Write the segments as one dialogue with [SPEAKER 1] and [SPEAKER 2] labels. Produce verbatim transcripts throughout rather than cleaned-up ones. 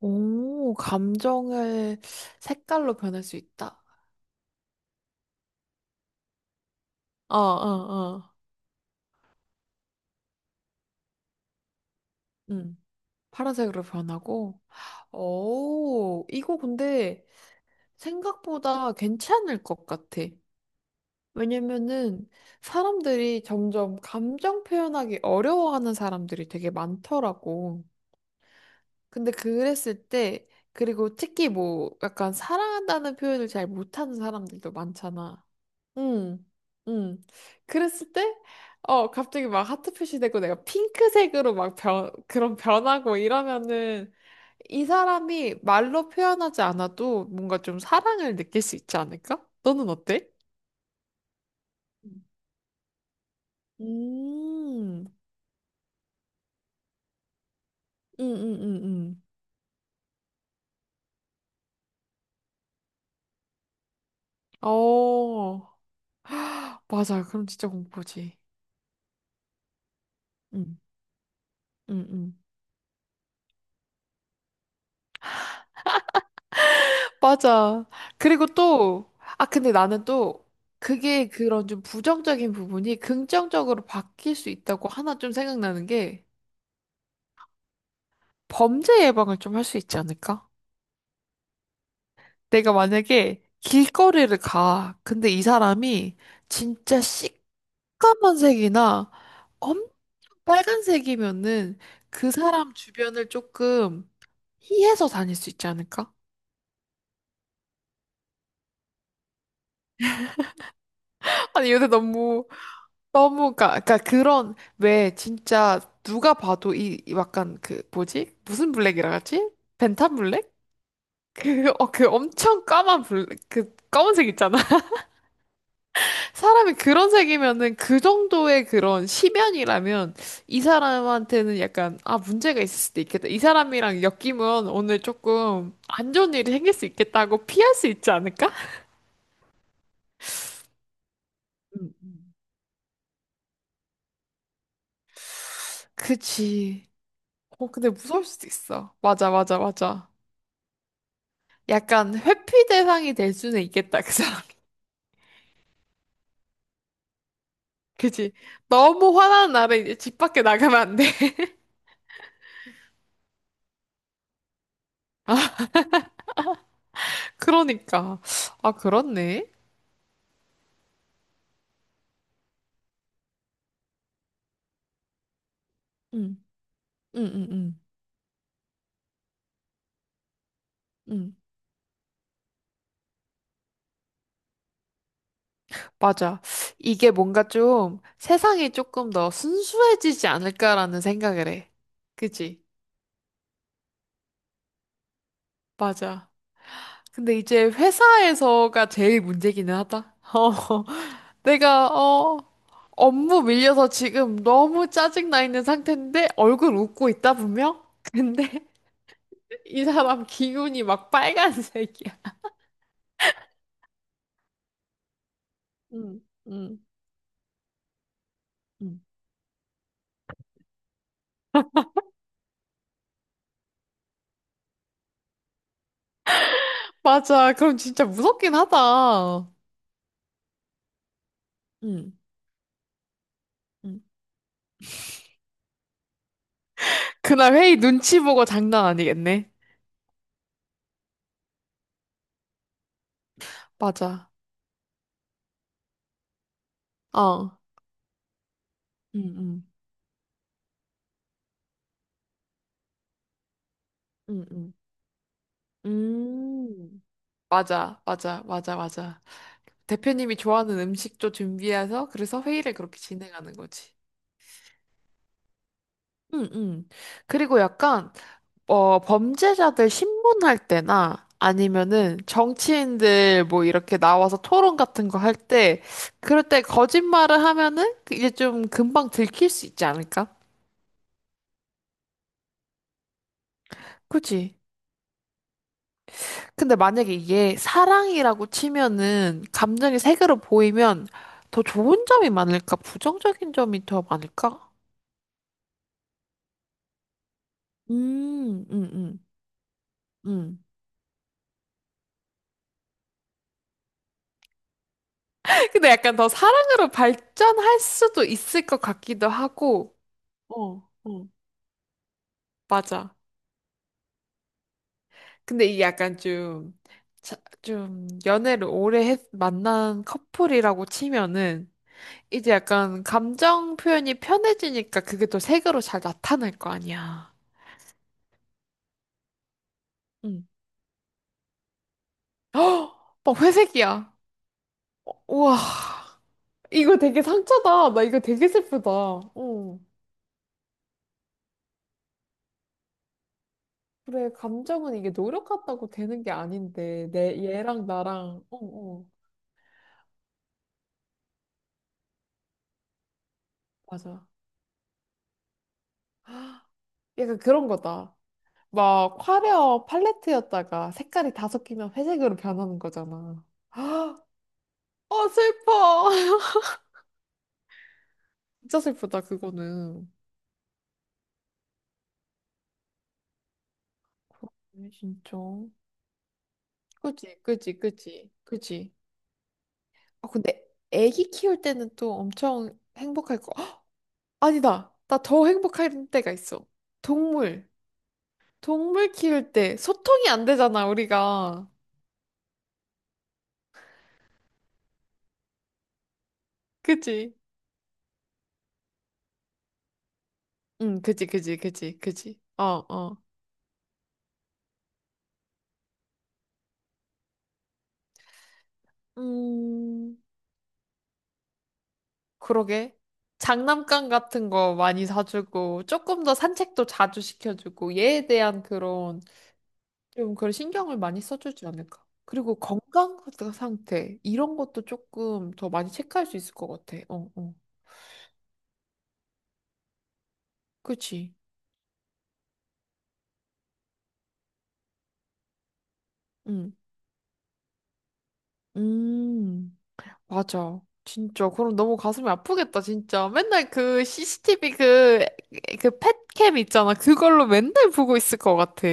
[SPEAKER 1] 오, 감정을 색깔로 변할 수 있다. 어, 어, 어. 음. 파란색으로 변하고. 오, 이거 근데 생각보다 괜찮을 것 같아. 왜냐면은 사람들이 점점 감정 표현하기 어려워하는 사람들이 되게 많더라고. 근데 그랬을 때, 그리고 특히 뭐 약간 사랑한다는 표현을 잘 못하는 사람들도 많잖아. 음, 음. 그랬을 때, 어, 갑자기 막 하트 표시되고 내가 핑크색으로 막 변, 그런 변하고 이러면은 이 사람이 말로 표현하지 않아도 뭔가 좀 사랑을 느낄 수 있지 않을까? 너는 어때? 음, 음, 음, 음, 음. 어, 맞아. 그럼 진짜 공포지. 음, 음, 음. 맞아. 그리고 또, 아, 근데 나는 또, 그게 그런 좀 부정적인 부분이 긍정적으로 바뀔 수 있다고 하나 좀 생각나는 게, 범죄 예방을 좀 할 수 있지 않을까? 내가 만약에 길거리를 가. 근데 이 사람이 진짜 시커먼 색이나 엄청 빨간색이면은 그 사람 주변을 조금 피해서 다닐 수 있지 않을까? 아니, 요새 너무 너무 가, 그러니까 그런 왜 진짜 누가 봐도 이, 이 약간 그 뭐지? 무슨 블랙이라 하지? 벤탄 블랙? 그, 어, 그 엄청 까만 블랙, 그 검은색 있잖아. 사람이 그런 색이면은 그 정도의 그런 심연이라면 이 사람한테는 약간 아 문제가 있을 수도 있겠다. 이 사람이랑 엮이면 오늘 조금 안 좋은 일이 생길 수 있겠다고 피할 수 있지 않을까? 음, 음. 그치. 어, 근데 무서울 수도 있어. 맞아, 맞아, 맞아. 약간 회피 대상이 될 수는 있겠다, 그 사람. 그지? 너무 화나는 날에 이제 집 밖에 나가면 안 돼. 그러니까. 아, 그렇네. 응, 응, 응, 응. 응, 맞아. 이게 뭔가 좀 세상이 조금 더 순수해지지 않을까라는 생각을 해. 그지? 맞아. 근데 이제 회사에서가 제일 문제기는 하다. 어, 내가, 어, 업무 밀려서 지금 너무 짜증나 있는 상태인데 얼굴 웃고 있다, 분명? 근데 이 사람 기운이 막 빨간색이야. 응, 응, 응, 맞아. 그럼 진짜 무섭긴 하다. 응, 응, 그날 회의 눈치 보고 장난 아니겠네. 맞아. 어. 응, 응, 응. 응. 음, 맞아. 맞아. 맞아. 맞아. 대표님이 좋아하는 음식도 준비해서 그래서 회의를 그렇게 진행하는 거지. 응, 응. 그리고 약간 어, 범죄자들 신문할 때나 아니면은 정치인들 뭐 이렇게 나와서 토론 같은 거 할 때, 그럴 때 거짓말을 하면은 이제 좀 금방 들킬 수 있지 않을까? 그치? 근데 만약에 이게 사랑이라고 치면은 감정이 색으로 보이면 더 좋은 점이 많을까? 부정적인 점이 더 많을까? 음, 음, 음, 음. 근데 약간 더 사랑으로 발전할 수도 있을 것 같기도 하고, 어, 어, 맞아. 근데 이게 약간 좀, 자- 좀 연애를 오래 했, 만난 커플이라고 치면은 이제 약간 감정 표현이 편해지니까 그게 또 색으로 잘 나타날 거 아니야. 응. 막 회색이야. 우와, 이거 되게 상처다. 나 이거 되게 슬프다. 어. 그래, 감정은 이게 노력 같다고 되는 게 아닌데, 내, 얘랑 나랑, 어, 어, 맞아. 헉, 약간 그런 거다. 막 화려 팔레트였다가 색깔이 다 섞이면 회색으로 변하는 거잖아. 아, 어, 슬퍼. 진짜 슬프다, 그거는. 그렇네, 진짜. 그지, 그지, 그지, 그지. 아, 근데 애기 키울 때는 또 엄청 행복할 거. 헉, 아니다. 나 더 행복할 때가 있어. 동물. 동물 키울 때 소통이 안 되잖아, 우리가. 그지? 응, 그지, 그지, 그지, 그지. 어, 어. 음. 그러게. 장난감 같은 거 많이 사주고, 조금 더 산책도 자주 시켜주고, 얘에 대한 그런, 좀 그런 신경을 많이 써주지 않을까. 그리고 건강 상태, 이런 것도 조금 더 많이 체크할 수 있을 것 같아. 어, 어. 그치. 응. 음, 맞아. 진짜. 그럼 너무 가슴이 아프겠다, 진짜. 맨날 그 씨씨티비 그, 그 펫캠 있잖아. 그걸로 맨날 보고 있을 것 같아.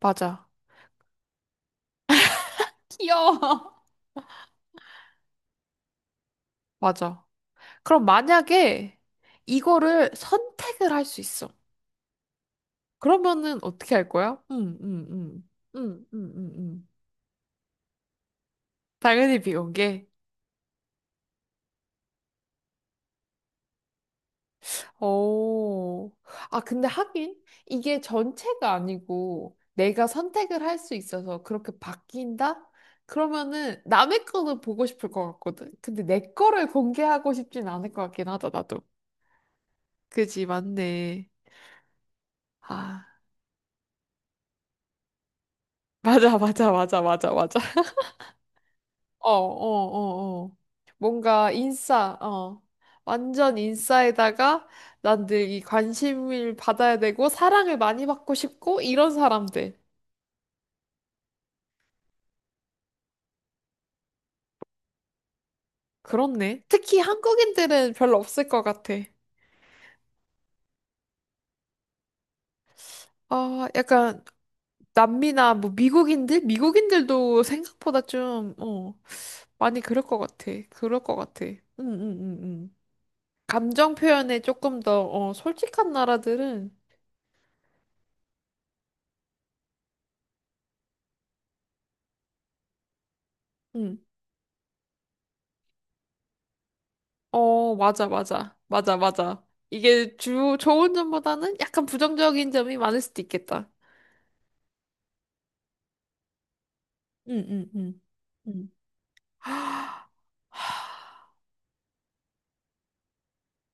[SPEAKER 1] 맞아. 귀여워. 맞아. 그럼 만약에 이거를 선택을 할 수 있어. 그러면은 어떻게 할 거야? 응, 응, 응. 응, 응, 응, 응. 당연히 비공개. 오. 아, 근데 하긴 이게 전체가 아니고 내가 선택을 할 수 있어서 그렇게 바뀐다? 그러면은 남의 거는 보고 싶을 것 같거든. 근데 내 거를 공개하고 싶진 않을 것 같긴 하다, 나도. 그지, 맞네. 아, 맞아, 맞아, 맞아, 맞아, 맞아. 어, 어, 어, 어. 뭔가 인싸, 어. 완전 인싸에다가 난 늘 이 관심을 받아야 되고 사랑을 많이 받고 싶고 이런 사람들. 그렇네. 특히 한국인들은 별로 없을 것 같아. 아, 약간 남미나 뭐 미국인들? 미국인들도 생각보다 좀, 어, 많이 그럴 것 같아. 그럴 것 같아. 응, 응, 응, 응. 감정 표현에 조금 더, 어, 솔직한 나라들은, 응. 어, 맞아, 맞아. 맞아, 맞아. 이게 주, 좋은 점보다는 약간 부정적인 점이 많을 수도 있겠다. 응, 응, 응. 응. 아,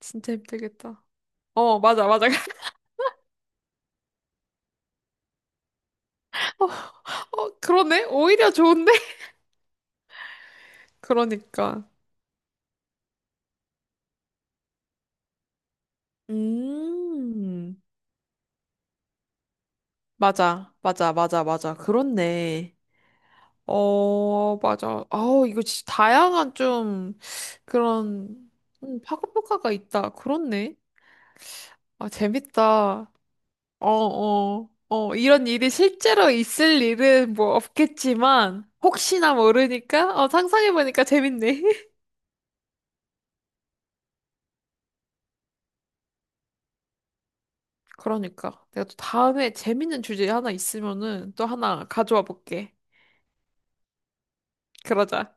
[SPEAKER 1] 진짜 힘들겠다. 어, 맞아, 맞아. 어, 어, 그러네? 오히려 좋은데? 그러니까. 음, 맞아, 맞아, 맞아, 맞아. 그렇네. 어, 맞아. 아우, 이거 진짜 다양한 좀 그런 음, 파급 효과가 있다. 그렇네. 아, 재밌다. 어, 어, 어, 이런 일이 실제로 있을 일은 뭐 없겠지만, 혹시나 모르니까, 어, 상상해보니까 재밌네. 그러니까. 내가 또 다음에 재밌는 주제 하나 있으면은 또 하나 가져와 볼게. 그러자.